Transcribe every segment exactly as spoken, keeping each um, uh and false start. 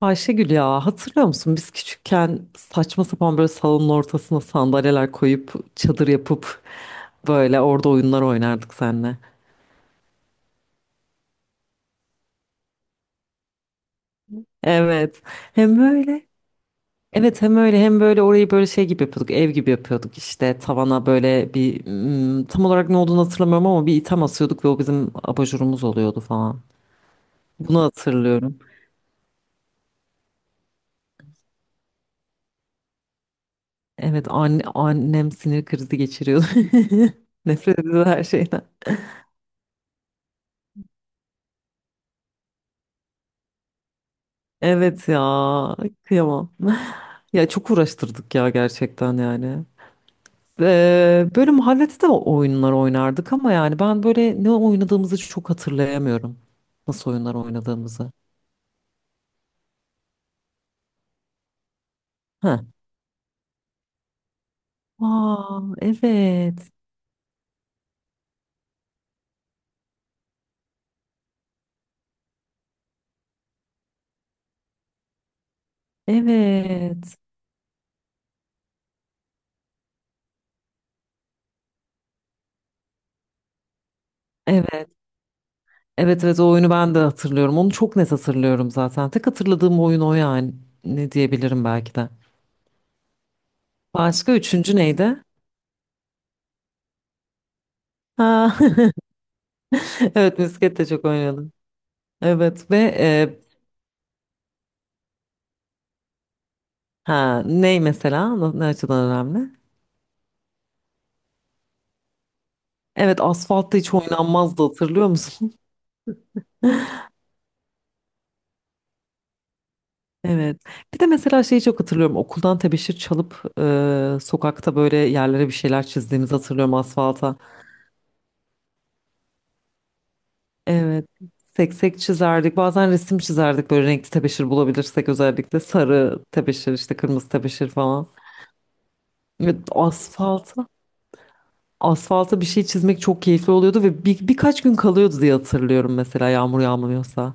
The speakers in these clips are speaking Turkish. Ayşegül ya hatırlıyor musun biz küçükken saçma sapan böyle salonun ortasına sandalyeler koyup çadır yapıp böyle orada oyunlar oynardık seninle. Evet hem böyle evet hem öyle hem böyle orayı böyle şey gibi yapıyorduk, ev gibi yapıyorduk, işte tavana böyle bir mm, tam olarak ne olduğunu hatırlamıyorum ama bir item asıyorduk ve o bizim abajurumuz oluyordu falan. Bunu hatırlıyorum. Evet anne, annem sinir krizi geçiriyordu. Nefret ediyordu her şeyden. Evet ya, kıyamam. Ya çok uğraştırdık ya, gerçekten yani. Ee, böyle mahallede de oyunlar oynardık ama yani ben böyle ne oynadığımızı çok hatırlayamıyorum. Nasıl oyunlar oynadığımızı. Heh. Aa, evet. Evet. Evet. Evet evet, o oyunu ben de hatırlıyorum. Onu çok net hatırlıyorum zaten. Tek hatırladığım oyun o yani. Ne diyebilirim belki de. Başka üçüncü neydi? Ha. Evet, misket de çok oynadım. Evet ve e, ha, ney mesela? Ne ne açıdan önemli? Evet, asfaltta hiç oynanmazdı, hatırlıyor musun? Evet. Bir de mesela şeyi çok hatırlıyorum. Okuldan tebeşir çalıp e, sokakta böyle yerlere bir şeyler çizdiğimizi hatırlıyorum, asfalta. Evet. Seksek çizerdik. Bazen resim çizerdik, böyle renkli tebeşir bulabilirsek, özellikle sarı tebeşir, işte kırmızı tebeşir falan. Evet, asfalta asfalta bir şey çizmek çok keyifli oluyordu ve bir, birkaç gün kalıyordu diye hatırlıyorum mesela, yağmur yağmıyorsa.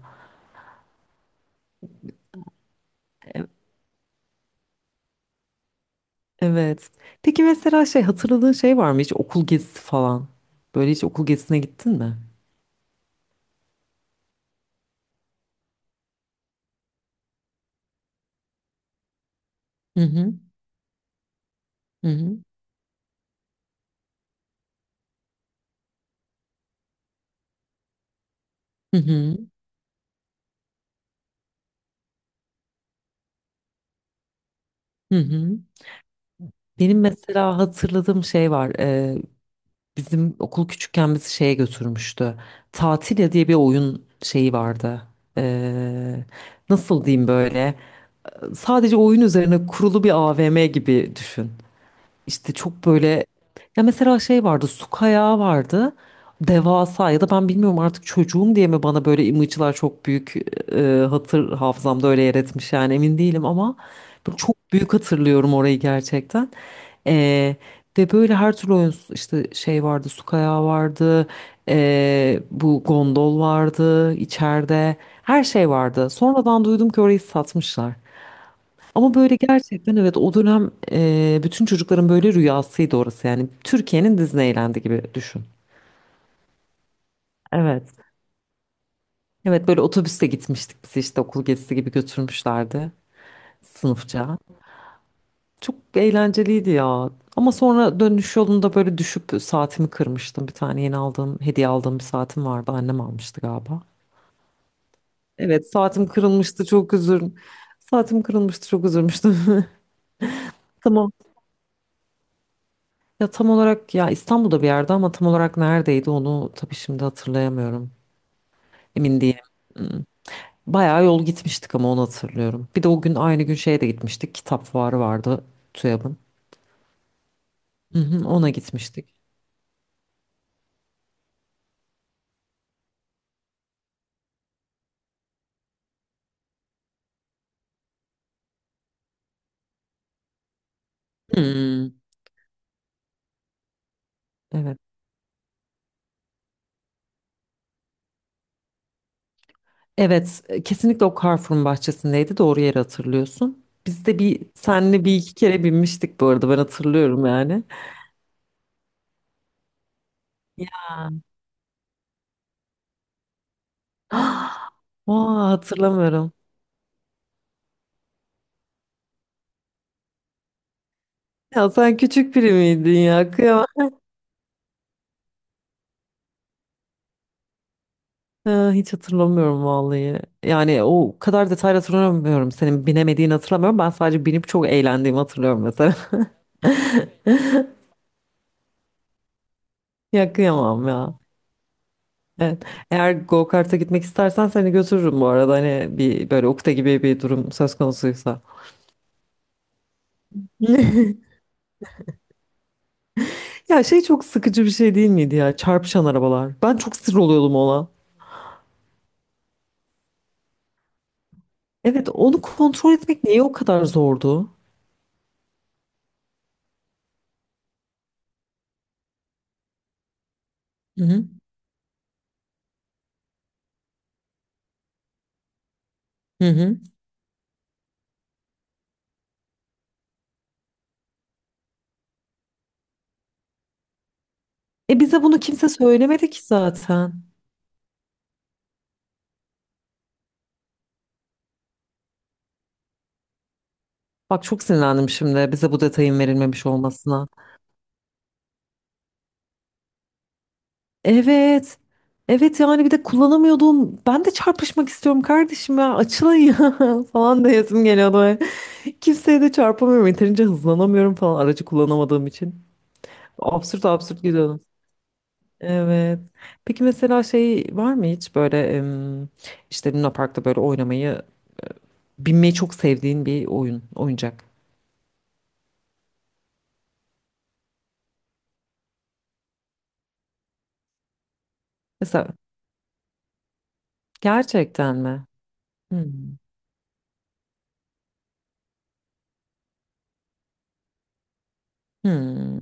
Evet. Peki mesela şey hatırladığın şey var mı, hiç okul gezisi falan? Böyle hiç okul gezisine gittin mi? Hı hı. Hı hı. Hı hı. Hı hı. Benim mesela hatırladığım şey var. Ee, bizim okul küçükken bizi şeye götürmüştü. Tatilya diye bir oyun şeyi vardı. Ee, Nasıl diyeyim böyle? Sadece oyun üzerine kurulu bir A V M gibi düşün. İşte çok böyle, ya mesela şey vardı, su kayağı vardı, devasa, ya da ben bilmiyorum, artık çocuğum diye mi bana böyle imajlar çok büyük e, hatır hafızamda öyle yer etmiş yani, emin değilim ama böyle çok büyük hatırlıyorum orayı gerçekten. E, Ve böyle her türlü oyun işte, şey vardı, su kayağı vardı, e, bu gondol vardı içeride, her şey vardı. Sonradan duydum ki orayı satmışlar. Ama böyle gerçekten evet, o dönem e, bütün çocukların böyle rüyasıydı orası yani. Türkiye'nin Disneyland'i gibi düşün. Evet. Evet, böyle otobüste gitmiştik biz, işte okul gezisi gibi götürmüşlerdi sınıfça. Çok eğlenceliydi ya. Ama sonra dönüş yolunda böyle düşüp saatimi kırmıştım. Bir tane yeni aldığım, hediye aldığım bir saatim vardı. Annem almıştı galiba. Evet, saatim kırılmıştı, çok üzül. Saatim kırılmıştı, çok üzülmüştüm. Tamam. Ya tam olarak, ya İstanbul'da bir yerde ama tam olarak neredeydi, onu tabii şimdi hatırlayamıyorum. Emin değilim. Hmm. Bayağı yol gitmiştik ama, onu hatırlıyorum. Bir de o gün, aynı gün şeye de gitmiştik. Kitap fuarı vardı TÜYAB'ın. Hı hı, ona gitmiştik. Hmm, evet. Evet, e, kesinlikle o Carrefour'un bahçesindeydi. Doğru yeri hatırlıyorsun. Biz de bir senle bir iki kere binmiştik bu arada, ben hatırlıyorum yani. Ya. Aa, hatırlamıyorum. Ya sen küçük biri miydin ya? Ha, hiç hatırlamıyorum vallahi. Yani o kadar detaylı hatırlamıyorum. Senin binemediğini hatırlamıyorum. Ben sadece binip çok eğlendiğimi hatırlıyorum mesela. Ya kıyamam ya. Evet. Eğer go-kart'a gitmek istersen seni götürürüm bu arada. Hani bir böyle ukde gibi bir durum söz konusuysa. Ya şey çok sıkıcı bir şey değil miydi ya? Çarpışan arabalar. Ben çok sinir oluyordum ona. Evet, onu kontrol etmek niye o kadar zordu? Hı hı. Hı hı. E bize bunu kimse söylemedi ki zaten. Bak, çok sinirlendim şimdi bize bu detayın verilmemiş olmasına. Evet. Evet yani, bir de kullanamıyordum. Ben de çarpışmak istiyorum kardeşim ya. Açılın ya falan diyesim geliyordu. Böyle. Kimseye de çarpamıyorum. Yeterince hızlanamıyorum falan, aracı kullanamadığım için. Absürt absürt gidiyordum. Evet. Peki mesela şey var mı hiç, böyle em, işte Luna Park'ta böyle oynamayı, binmeyi çok sevdiğin bir oyun, oyuncak. Mesela gerçekten mi? Hmm. Hmm.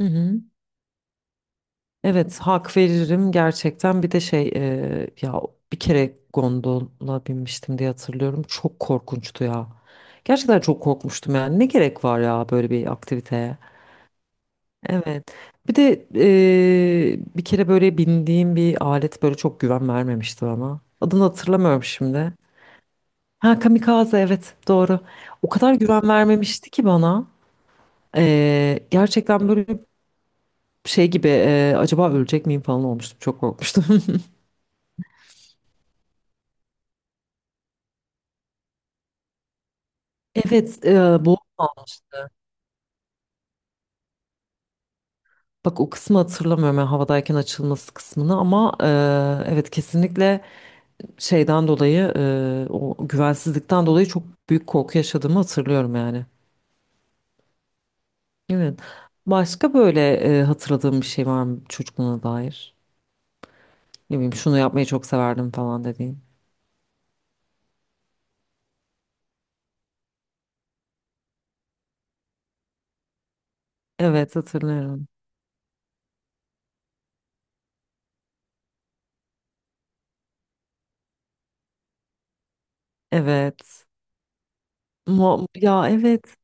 Hı hı. Evet, hak veririm gerçekten. Bir de şey e, ya, bir kere gondola binmiştim diye hatırlıyorum, çok korkunçtu ya, gerçekten çok korkmuştum yani. Ne gerek var ya böyle bir aktiviteye, evet. Bir de e, bir kere böyle bindiğim bir alet böyle çok güven vermemişti bana, adını hatırlamıyorum şimdi. Ha, kamikaze, evet doğru. O kadar güven vermemişti ki bana. E, gerçekten böyle şey gibi, e, acaba ölecek miyim falan olmuştum, çok korkmuştum. Evet, e, bu almıştı. Bak, o kısmı hatırlamıyorum yani, havadayken açılması kısmını, ama e, evet, kesinlikle şeyden dolayı, e, o güvensizlikten dolayı çok büyük korku yaşadığımı hatırlıyorum yani. Evet. Başka böyle e, hatırladığım bir şey var mı çocukluğuna dair? Ne bileyim, şunu yapmayı çok severdim falan dediğin. Evet, hatırlıyorum. Evet. Mu- ya, evet.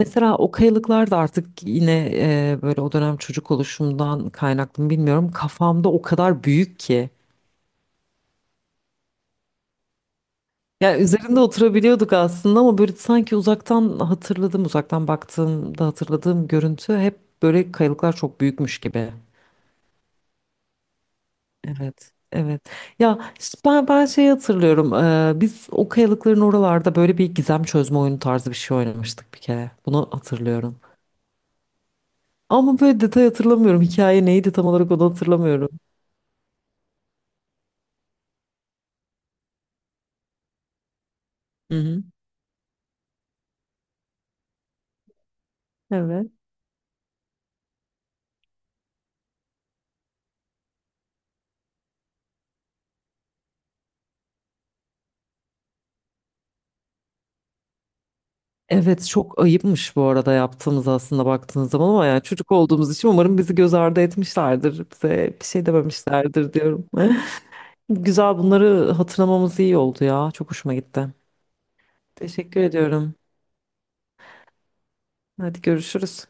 Mesela o kayalıklar da artık yine e, böyle o dönem çocuk oluşumdan kaynaklı mı bilmiyorum. Kafamda o kadar büyük ki. Yani üzerinde oturabiliyorduk aslında ama böyle sanki uzaktan hatırladım, uzaktan baktığımda hatırladığım görüntü hep böyle kayalıklar çok büyükmüş gibi. Evet, evet. Ya işte ben, ben şeyi hatırlıyorum. E, biz o kayalıkların oralarda böyle bir gizem çözme oyunu tarzı bir şey oynamıştık bir kere. Bunu hatırlıyorum. Ama böyle detay hatırlamıyorum. Hikaye neydi tam olarak, onu hatırlamıyorum. Hı hı. Evet. Evet çok ayıpmış bu arada yaptığımız aslında baktığınız zaman, ama yani çocuk olduğumuz için umarım bizi göz ardı etmişlerdir. Bize bir şey dememişlerdir diyorum. Güzel, bunları hatırlamamız iyi oldu ya. Çok hoşuma gitti. Teşekkür ediyorum. Hadi görüşürüz.